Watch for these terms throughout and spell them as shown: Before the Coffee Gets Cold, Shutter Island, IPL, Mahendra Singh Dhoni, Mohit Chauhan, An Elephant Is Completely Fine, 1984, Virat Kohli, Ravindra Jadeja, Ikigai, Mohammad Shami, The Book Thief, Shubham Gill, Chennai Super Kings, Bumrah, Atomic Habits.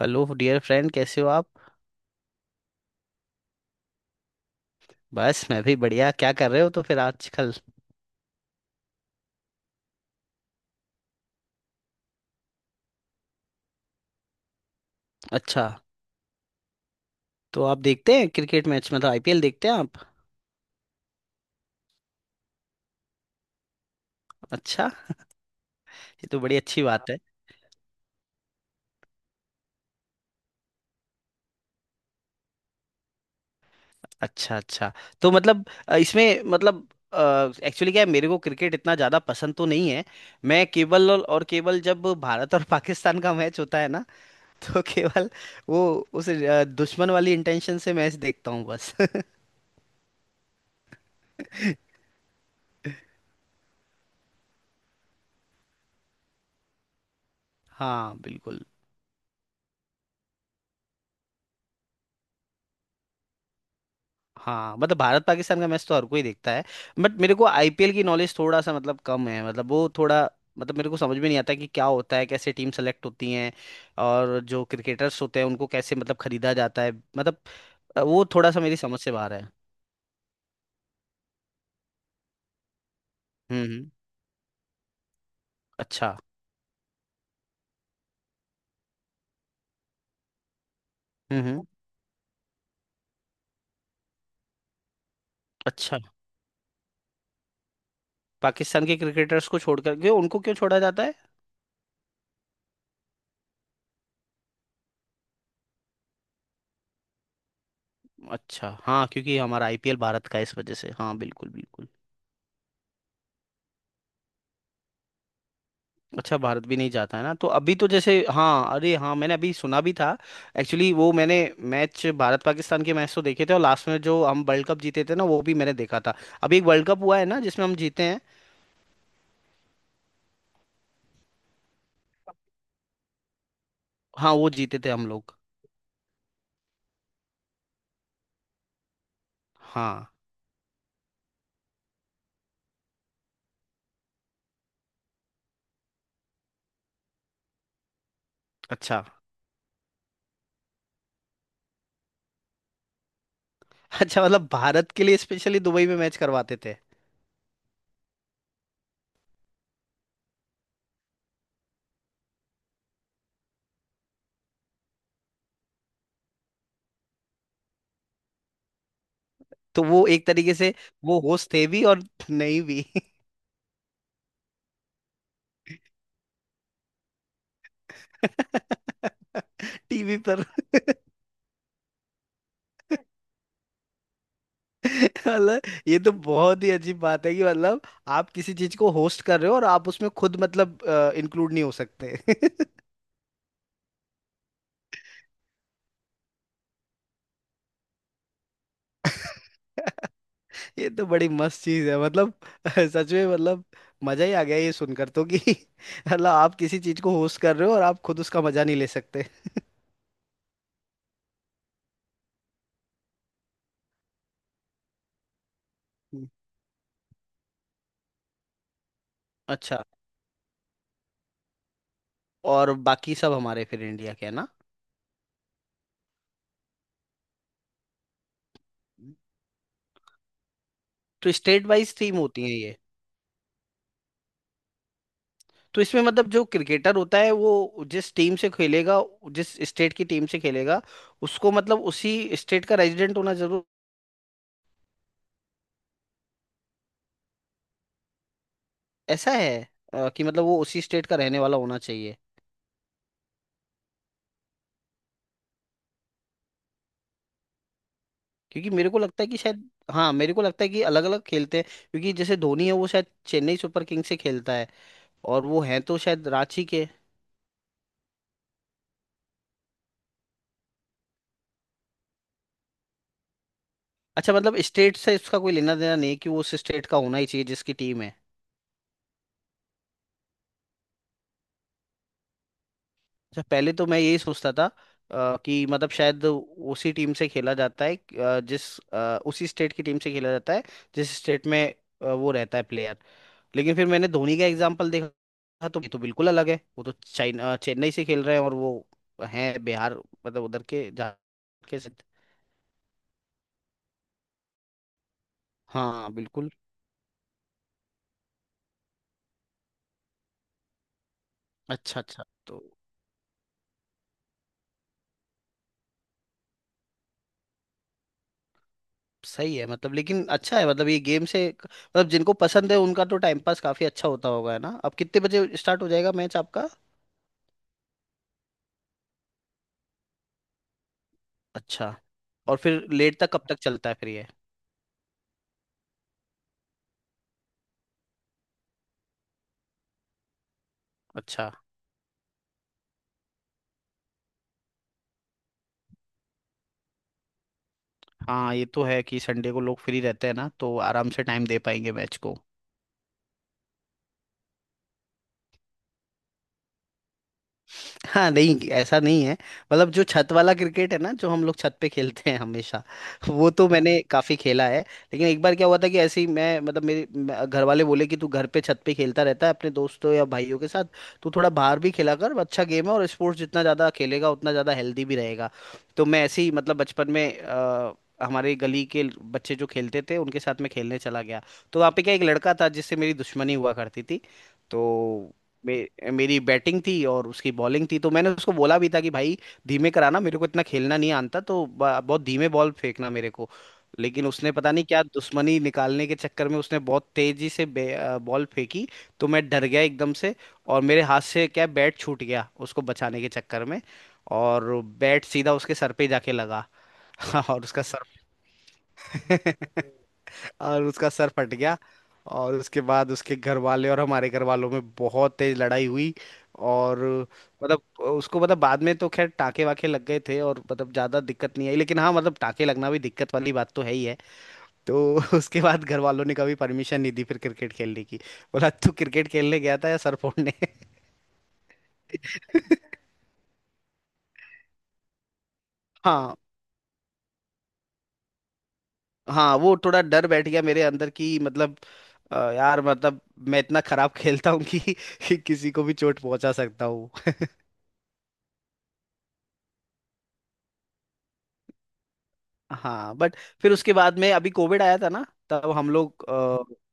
Hello dear friend, कैसे हो आप। बस मैं भी बढ़िया। क्या कर रहे हो तो फिर आजकल। अच्छा, तो आप देखते हैं क्रिकेट मैच, मतलब आईपीएल देखते हैं आप। अच्छा, ये तो बड़ी अच्छी बात है। अच्छा अच्छा। तो मतलब इसमें मतलब एक्चुअली क्या है, मेरे को क्रिकेट इतना ज़्यादा पसंद तो नहीं है। मैं केवल और केवल जब भारत और पाकिस्तान का मैच होता है ना तो केवल वो उस दुश्मन वाली इंटेंशन से मैच देखता हूँ बस। हाँ बिल्कुल। हाँ, मतलब भारत पाकिस्तान का मैच तो हर कोई देखता है। बट मेरे को आईपीएल की नॉलेज थोड़ा सा, मतलब कम है, मतलब वो थोड़ा मतलब मेरे को समझ में नहीं आता कि क्या होता है, कैसे टीम सेलेक्ट होती हैं और जो क्रिकेटर्स होते हैं उनको कैसे मतलब खरीदा जाता है, मतलब वो थोड़ा सा मेरी समझ से बाहर है। हम्म। अच्छा। हम्म। अच्छा, पाकिस्तान के क्रिकेटर्स को छोड़कर क्यों, उनको क्यों छोड़ा जाता है। अच्छा, हाँ, क्योंकि हमारा आईपीएल भारत का है इस वजह से। हाँ बिल्कुल बिल्कुल। अच्छा, भारत भी नहीं जाता है ना। तो अभी तो जैसे, हाँ अरे हाँ, मैंने अभी सुना भी था। एक्चुअली वो मैंने मैच भारत पाकिस्तान के मैच तो देखे थे, और लास्ट में जो हम वर्ल्ड कप जीते थे ना, वो भी मैंने देखा था। अभी एक वर्ल्ड कप हुआ है ना जिसमें हम जीते हैं। हाँ, वो जीते थे हम लोग। हाँ। अच्छा अच्छा, मतलब भारत के लिए स्पेशली दुबई में मैच करवाते थे। तो वो एक तरीके से वो होस्ट थे भी और नहीं भी। टीवी पर। मतलब ये तो बहुत ही अजीब बात है कि मतलब आप किसी चीज को होस्ट कर रहे हो और आप उसमें खुद मतलब इंक्लूड नहीं हो सकते। ये तो बड़ी मस्त चीज है, मतलब सच में, मतलब मजा ही आ गया ये सुनकर तो कि मतलब आप किसी चीज को होस्ट कर रहे हो और आप खुद उसका मजा नहीं ले सकते। हम्म। अच्छा। और बाकी सब हमारे फिर इंडिया के है ना। तो स्टेट वाइज थीम होती है। तो इसमें मतलब जो क्रिकेटर होता है वो जिस टीम से खेलेगा, जिस स्टेट की टीम से खेलेगा, उसको मतलब उसी स्टेट का रेजिडेंट होना जरूर ऐसा है कि मतलब वो उसी स्टेट का रहने वाला होना चाहिए। क्योंकि मेरे को लगता है कि शायद, हाँ, मेरे को लगता है कि अलग अलग खेलते हैं। क्योंकि जैसे धोनी है वो शायद चेन्नई सुपर किंग्स से खेलता है, और वो है तो शायद रांची के। अच्छा, मतलब स्टेट से इसका कोई लेना देना नहीं है कि वो उस स्टेट का होना ही चाहिए जिसकी टीम है। अच्छा, पहले तो मैं यही सोचता था कि मतलब शायद उसी टीम से खेला जाता है, जिस उसी स्टेट की टीम से खेला जाता है जिस स्टेट में वो रहता है प्लेयर। लेकिन फिर मैंने धोनी का एग्जाम्पल देखा तो ये तो बिल्कुल अलग है। वो तो चाइना चेन्नई से खेल रहे हैं और वो हैं बिहार, मतलब उधर के झारखंड के हाँ बिल्कुल। अच्छा अच्छा। तो सही है, मतलब लेकिन अच्छा है, मतलब ये गेम से, मतलब जिनको पसंद है उनका तो टाइम पास काफी अच्छा होता होगा है ना। अब कितने बजे स्टार्ट हो जाएगा मैच आपका। अच्छा। और फिर लेट तक कब तक चलता है फिर ये। अच्छा। हाँ, ये तो है कि संडे को लोग फ्री रहते हैं ना, तो आराम से टाइम दे पाएंगे मैच को। हाँ, नहीं ऐसा नहीं है। मतलब जो छत वाला क्रिकेट है ना, जो हम लोग छत पे खेलते हैं हमेशा, वो तो मैंने काफी खेला है। लेकिन एक बार क्या हुआ था कि ऐसे ही मैं, मतलब मेरे घर वाले बोले कि तू घर पे छत पे खेलता रहता है अपने दोस्तों या भाइयों के साथ, तू थोड़ा बाहर भी खेला कर, अच्छा गेम है, और स्पोर्ट्स जितना ज्यादा खेलेगा उतना ज्यादा हेल्दी भी रहेगा। तो मैं ऐसे ही मतलब बचपन में हमारे गली के बच्चे जो खेलते थे उनके साथ मैं खेलने चला गया। तो वहाँ पे क्या, एक लड़का था जिससे मेरी दुश्मनी हुआ करती थी। तो मे, मेरी बैटिंग थी और उसकी बॉलिंग थी। तो मैंने उसको बोला भी था कि भाई धीमे कराना, मेरे को इतना खेलना नहीं आता, तो बहुत धीमे बॉल फेंकना मेरे को। लेकिन उसने पता नहीं क्या दुश्मनी निकालने के चक्कर में उसने बहुत तेजी से बॉल फेंकी। तो मैं डर गया एकदम से, और मेरे हाथ से क्या, बैट छूट गया उसको बचाने के चक्कर में, और बैट सीधा उसके सर पे जाके लगा। और उसका सर और उसका सर फट गया। और उसके बाद उसके घर वाले और हमारे घर वालों में बहुत तेज लड़ाई हुई। और मतलब उसको, मतलब बाद में तो खैर टाके वाके लग गए थे और मतलब ज्यादा दिक्कत नहीं आई, लेकिन हाँ, मतलब टाके लगना भी दिक्कत वाली बात तो है ही है। तो उसके बाद घर वालों ने कभी परमिशन नहीं दी फिर क्रिकेट खेलने की। बोला तू क्रिकेट खेलने गया था या सर फोड़ने। हाँ हाँ, वो थोड़ा डर बैठ गया मेरे अंदर की मतलब यार, मतलब मैं इतना खराब खेलता हूँ कि किसी को भी चोट पहुंचा सकता हूँ। हाँ बट फिर उसके बाद में अभी कोविड आया था ना, तब हम लोग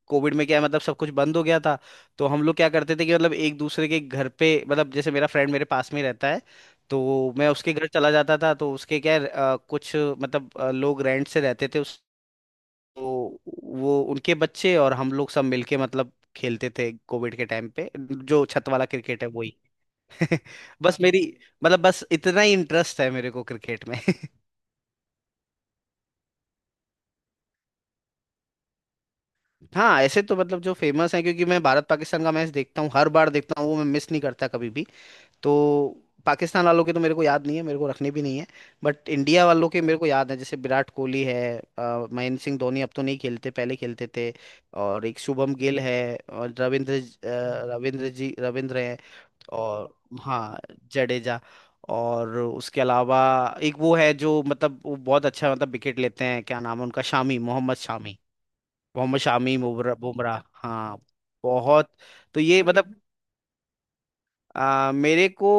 कोविड में क्या है, मतलब सब कुछ बंद हो गया था। तो हम लोग क्या करते थे कि मतलब एक दूसरे के घर पे, मतलब जैसे मेरा फ्रेंड मेरे पास में ही रहता है, तो मैं उसके घर चला जाता था। तो उसके क्या है, कुछ मतलब लोग रेंट से रहते थे उस। तो वो उनके बच्चे और हम लोग सब मिलके मतलब खेलते थे कोविड के टाइम पे, जो छत वाला क्रिकेट है वही। बस मेरी, मतलब बस इतना ही इंटरेस्ट है मेरे को क्रिकेट में। हाँ ऐसे तो मतलब जो फेमस है, क्योंकि मैं भारत पाकिस्तान का मैच देखता हूँ, हर बार देखता हूँ, वो मैं मिस नहीं करता कभी भी। तो पाकिस्तान वालों के तो मेरे को याद नहीं है, मेरे को रखने भी नहीं है। बट इंडिया वालों के मेरे को याद है, जैसे विराट कोहली है, महेंद्र सिंह धोनी, अब तो नहीं खेलते पहले खेलते थे। और एक शुभम गिल है, और रविंद्र रविंद्र जी, रविंद्र हैं और हाँ जडेजा। और उसके अलावा एक वो है जो मतलब वो बहुत अच्छा, मतलब विकेट लेते हैं, क्या नाम है उनका, शामी, मोहम्मद शामी। मोहम्मद शामी, बुमराह, बुमराह हाँ। बहुत। तो ये मतलब मेरे को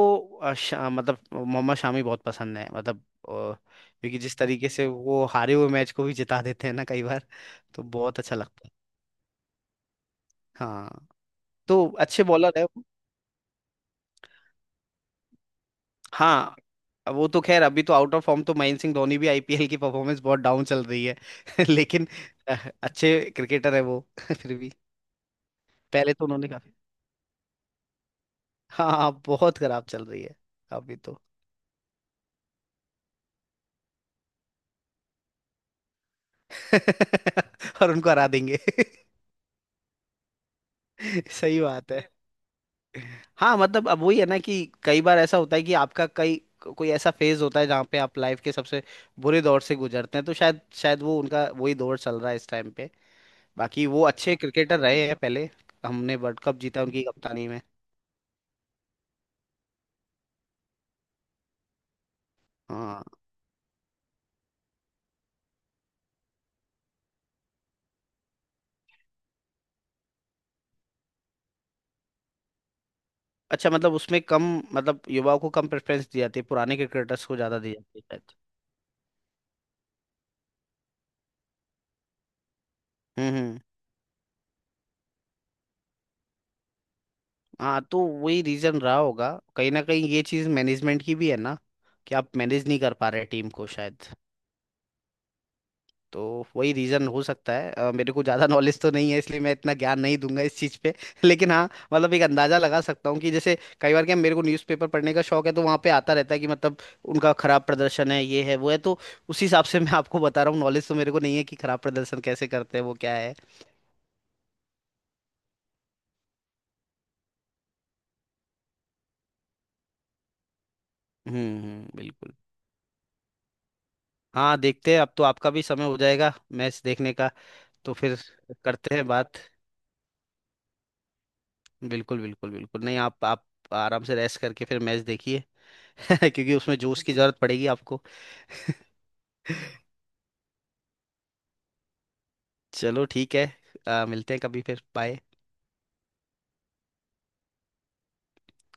मतलब मोहम्मद शामी बहुत पसंद है। मतलब क्योंकि जिस तरीके से वो हारे हुए मैच को भी जिता देते हैं ना कई बार, तो बहुत अच्छा लगता है। हाँ। तो अच्छे बॉलर है वो। हाँ वो तो खैर अभी तो आउट ऑफ फॉर्म, तो महेंद्र सिंह धोनी भी आईपीएल की परफॉर्मेंस बहुत डाउन चल रही है। लेकिन आ, अच्छे क्रिकेटर है वो फिर भी। पहले तो उन्होंने काफी, हाँ हाँ, बहुत खराब चल रही है अभी तो। और उनको हरा देंगे। सही बात है। हाँ, मतलब अब वही है ना कि कई बार ऐसा होता है कि आपका कई, कोई ऐसा फेज होता है जहाँ पे आप लाइफ के सबसे बुरे दौर से गुजरते हैं, तो शायद शायद वो उनका वही दौर चल रहा है इस टाइम पे। बाकी वो अच्छे क्रिकेटर रहे हैं पहले। हमने वर्ल्ड कप जीता उनकी कप्तानी में। हाँ। अच्छा, मतलब उसमें कम, मतलब युवाओं को कम प्रेफरेंस दी जाती है, पुराने क्रिकेटर्स को ज्यादा दी जाती है शायद। हम्म। हाँ, तो वही रीजन रहा होगा। कहीं ना कहीं ये चीज मैनेजमेंट की भी है ना कि आप मैनेज नहीं कर पा रहे टीम को शायद। तो वही रीजन हो सकता है। मेरे को ज्यादा नॉलेज तो नहीं है, इसलिए मैं इतना ज्ञान नहीं दूंगा इस चीज पे। लेकिन हाँ, मतलब एक अंदाजा लगा सकता हूँ कि जैसे कई बार क्या, मेरे को न्यूज़पेपर पढ़ने का शौक है, तो वहाँ पे आता रहता है कि मतलब उनका खराब प्रदर्शन है, ये है वो है, तो उस हिसाब से मैं आपको बता रहा हूँ। नॉलेज तो मेरे को नहीं है कि खराब प्रदर्शन कैसे करते हैं वो, क्या है। हम्म, बिल्कुल। हाँ देखते हैं। अब तो आपका भी समय हो जाएगा मैच देखने का। तो फिर करते हैं बात। बिल्कुल बिल्कुल बिल्कुल, नहीं आप आप आराम से रेस्ट करके फिर मैच देखिए। क्योंकि उसमें जोश की जरूरत पड़ेगी आपको। चलो ठीक है। मिलते हैं कभी फिर। बाय।